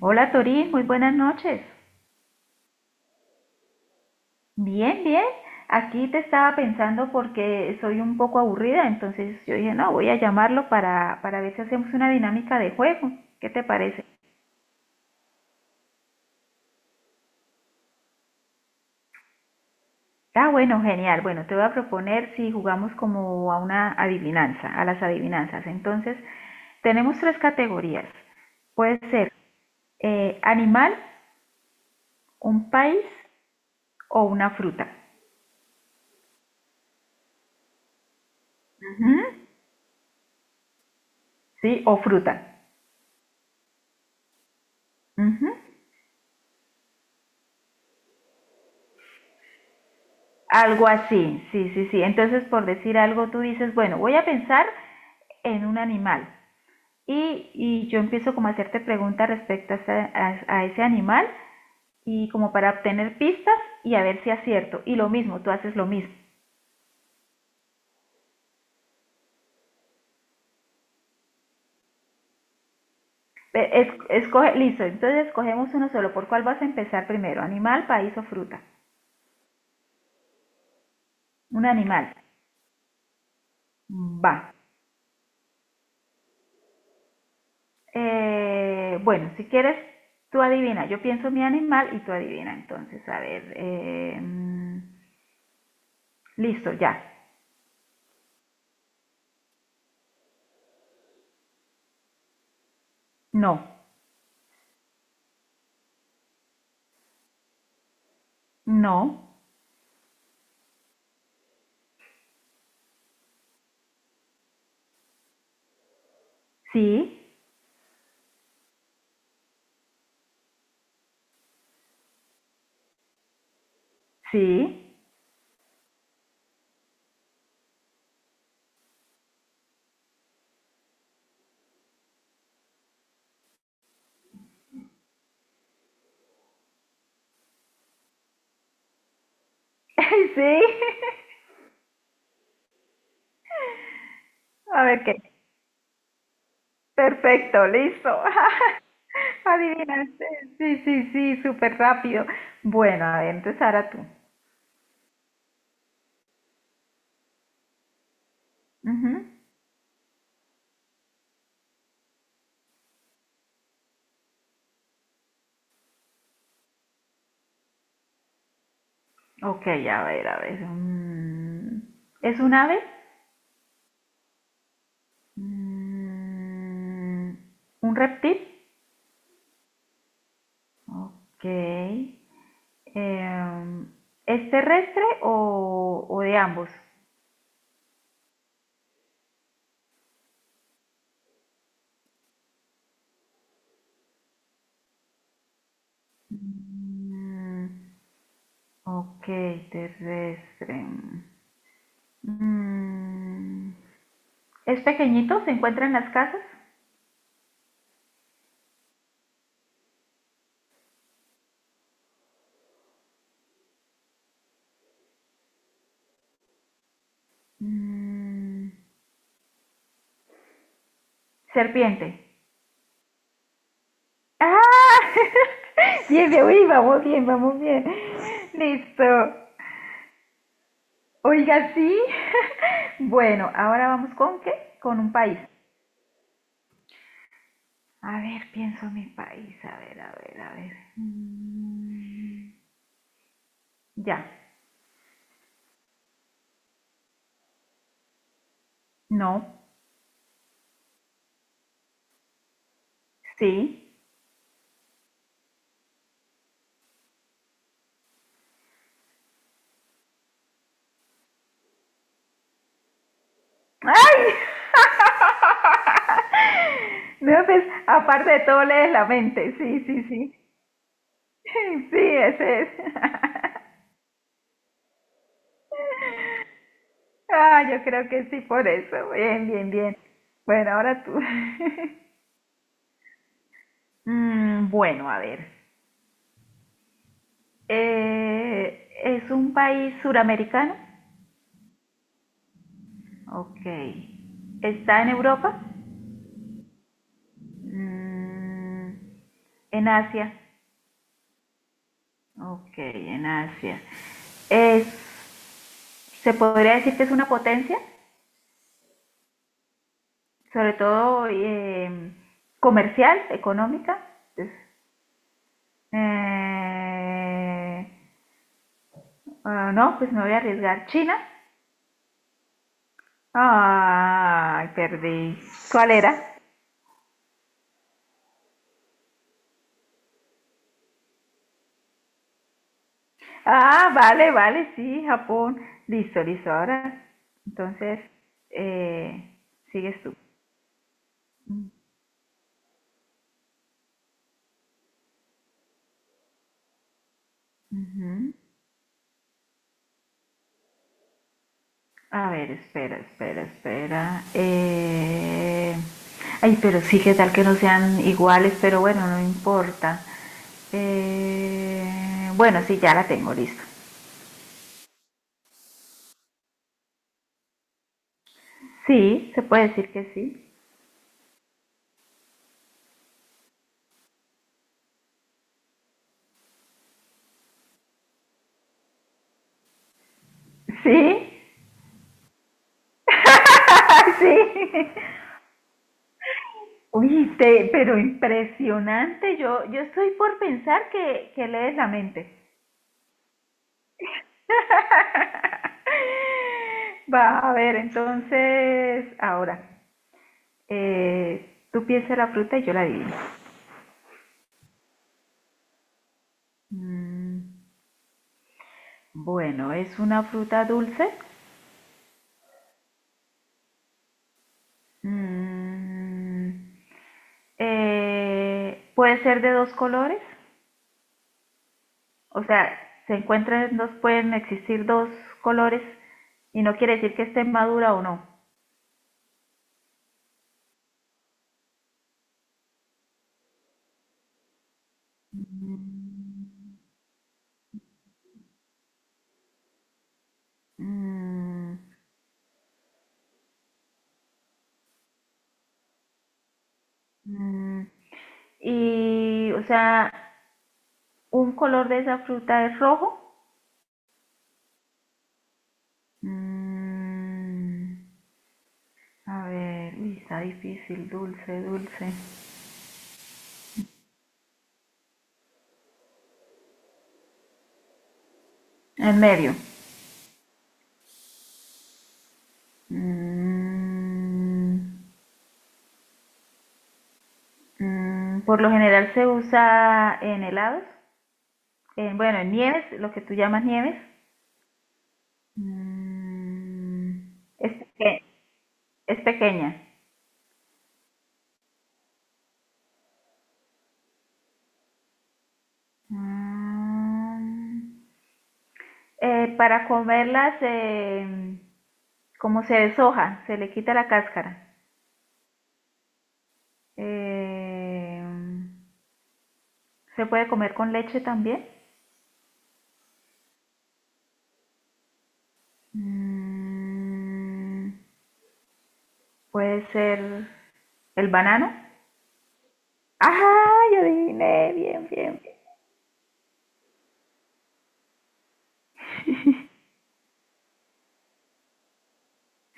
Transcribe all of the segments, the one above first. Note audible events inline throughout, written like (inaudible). Hola Tori, muy buenas noches. Bien, bien. Aquí te estaba pensando porque soy un poco aburrida, entonces yo dije, no, voy a llamarlo para ver si hacemos una dinámica de juego. ¿Qué te parece? Ah, bueno, genial. Bueno, te voy a proponer si jugamos como a una adivinanza, a las adivinanzas. Entonces, tenemos tres categorías. Puede ser animal, un país o una fruta. Ujú. Sí, o fruta. Ujú. Algo así, sí, sí, sí. Entonces, por decir algo, tú dices, bueno, voy a pensar en un animal. Y yo empiezo como a hacerte preguntas respecto a, a ese animal y como para obtener pistas y a ver si acierto. Y lo mismo, tú haces lo mismo. Escoge, listo, entonces escogemos uno solo. ¿Por cuál vas a empezar primero? ¿Animal, país o fruta? Un animal. Va. Bueno, si quieres, tú adivina. Yo pienso mi animal y tú adivina. Entonces, a ver. Listo, ya. No, no, sí, sí, (laughs) sí. A ver qué. Perfecto, listo. (laughs) Adivinaste. Sí, sí, sí, súper rápido. Bueno, a ver, entonces ahora tú. Ujú. Ok, a ver, a ver. ¿Es un ave? Mm, ¿Un reptil? Ok. em, ¿Es terrestre o de ambos? Mm, Ok, terrestre. Mm, ¿Es pequeñito? ¿Se encuentra en las casas? Mm, serpiente. ¡Ah! (laughs) Bien, bien, uy, vamos bien, vamos bien. Listo. Oiga, sí. (laughs) Bueno, ahora vamos ¿con qué? Con un país. A ver, pienso en mi país. A ver, a ver, a ver. Ya. No. Sí. ¡Ay! No, pues, aparte de todo, lees la mente. Sí, sí, sí. (laughs) Sí, ese es. (laughs) Ah, yo creo que sí, por eso. Bien, bien, bien. Bueno, ahora tú. (laughs) Bueno, a ver. ¿Es un país suramericano? Ok. ¿Está en Europa? Mm, en Asia. Ok, en Asia. Es- ¿Se podría decir que es una potencia? Sobre todo comercial, económica. Entonces, eh, no, pues me voy a arriesgar. China. Ay, perdí. ¿Cuál era? Ah, vale, vale, sí, Japón. Listo, listo. Ahora, entonces, eh, sigues tú. Ujú. A ver, espera, espera, espera. Ay, pero sí, que tal que no sean iguales, pero bueno, no importa. Bueno, sí, ya la tengo lista. Sí, se puede decir que sí. Sí, (laughs) sí. Uy, pero impresionante. Yo estoy por pensar que lees la mente. Va, a ver, entonces, ahora, tú piensas la fruta y yo la adivino. Mm. Bueno, ¿es una fruta dulce? Mm, ¿puede ser de dos colores? O sea, se encuentran dos, pueden existir dos colores y no quiere decir que esté madura o no. Mm, mm, y, o sea, ¿un color de esa fruta es rojo? Mm, a ver, uy, está difícil, dulce, dulce. En medio. Mm, por lo general se usa en helados, en, bueno, en nieves, lo que tú llamas nieves. Mm, es, peque- es pequeña. Mm, para comerlas, como se deshoja, se le quita la cáscara. Eh, se puede comer con leche también. Mm, puede ser el banano. ¡Ah! Yo adiviné. Bien, bien.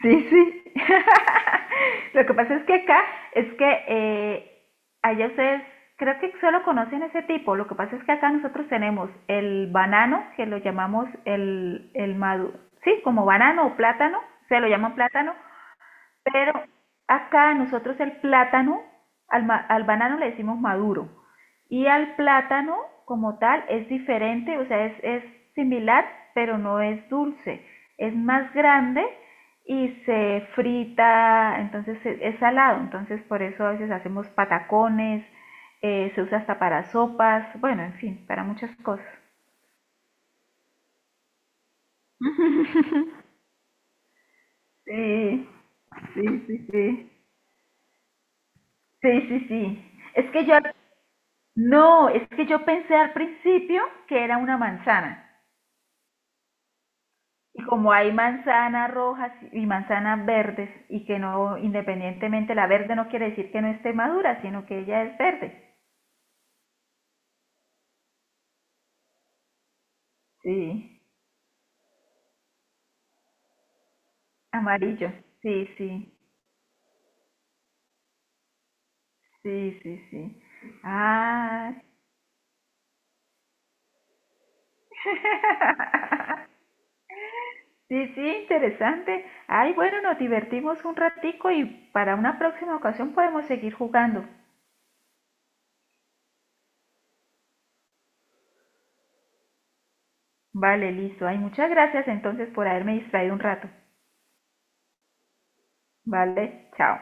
Sí, sí. (laughs) Lo que pasa es que acá es que allá se creo que solo conocen ese tipo. Lo que pasa es que acá nosotros tenemos el banano, que lo llamamos el maduro, sí, como banano o plátano, se lo llaman plátano, pero acá nosotros el plátano, al banano le decimos maduro. Y al plátano como tal es diferente, o sea, es similar, pero no es dulce. Es más grande y se frita, entonces es salado. Entonces por eso a veces hacemos patacones, se usa hasta para sopas, bueno, en fin, para muchas cosas. Sí, sí, sí, sí. Sí, sí, sí. Es que yo No, es que yo pensé al principio que era una manzana. Y como hay manzanas rojas y manzanas verdes, y que no, independientemente, la verde no quiere decir que no esté madura, sino que ella es verde. Sí, amarillo. Sí, sí, sí, sí, sí. Ah, (laughs) sí, sí, interesante. Ay, bueno, nos divertimos un ratico y para una próxima ocasión podemos seguir jugando. Vale, listo. Ay, muchas gracias entonces por haberme distraído un rato. Vale, chao.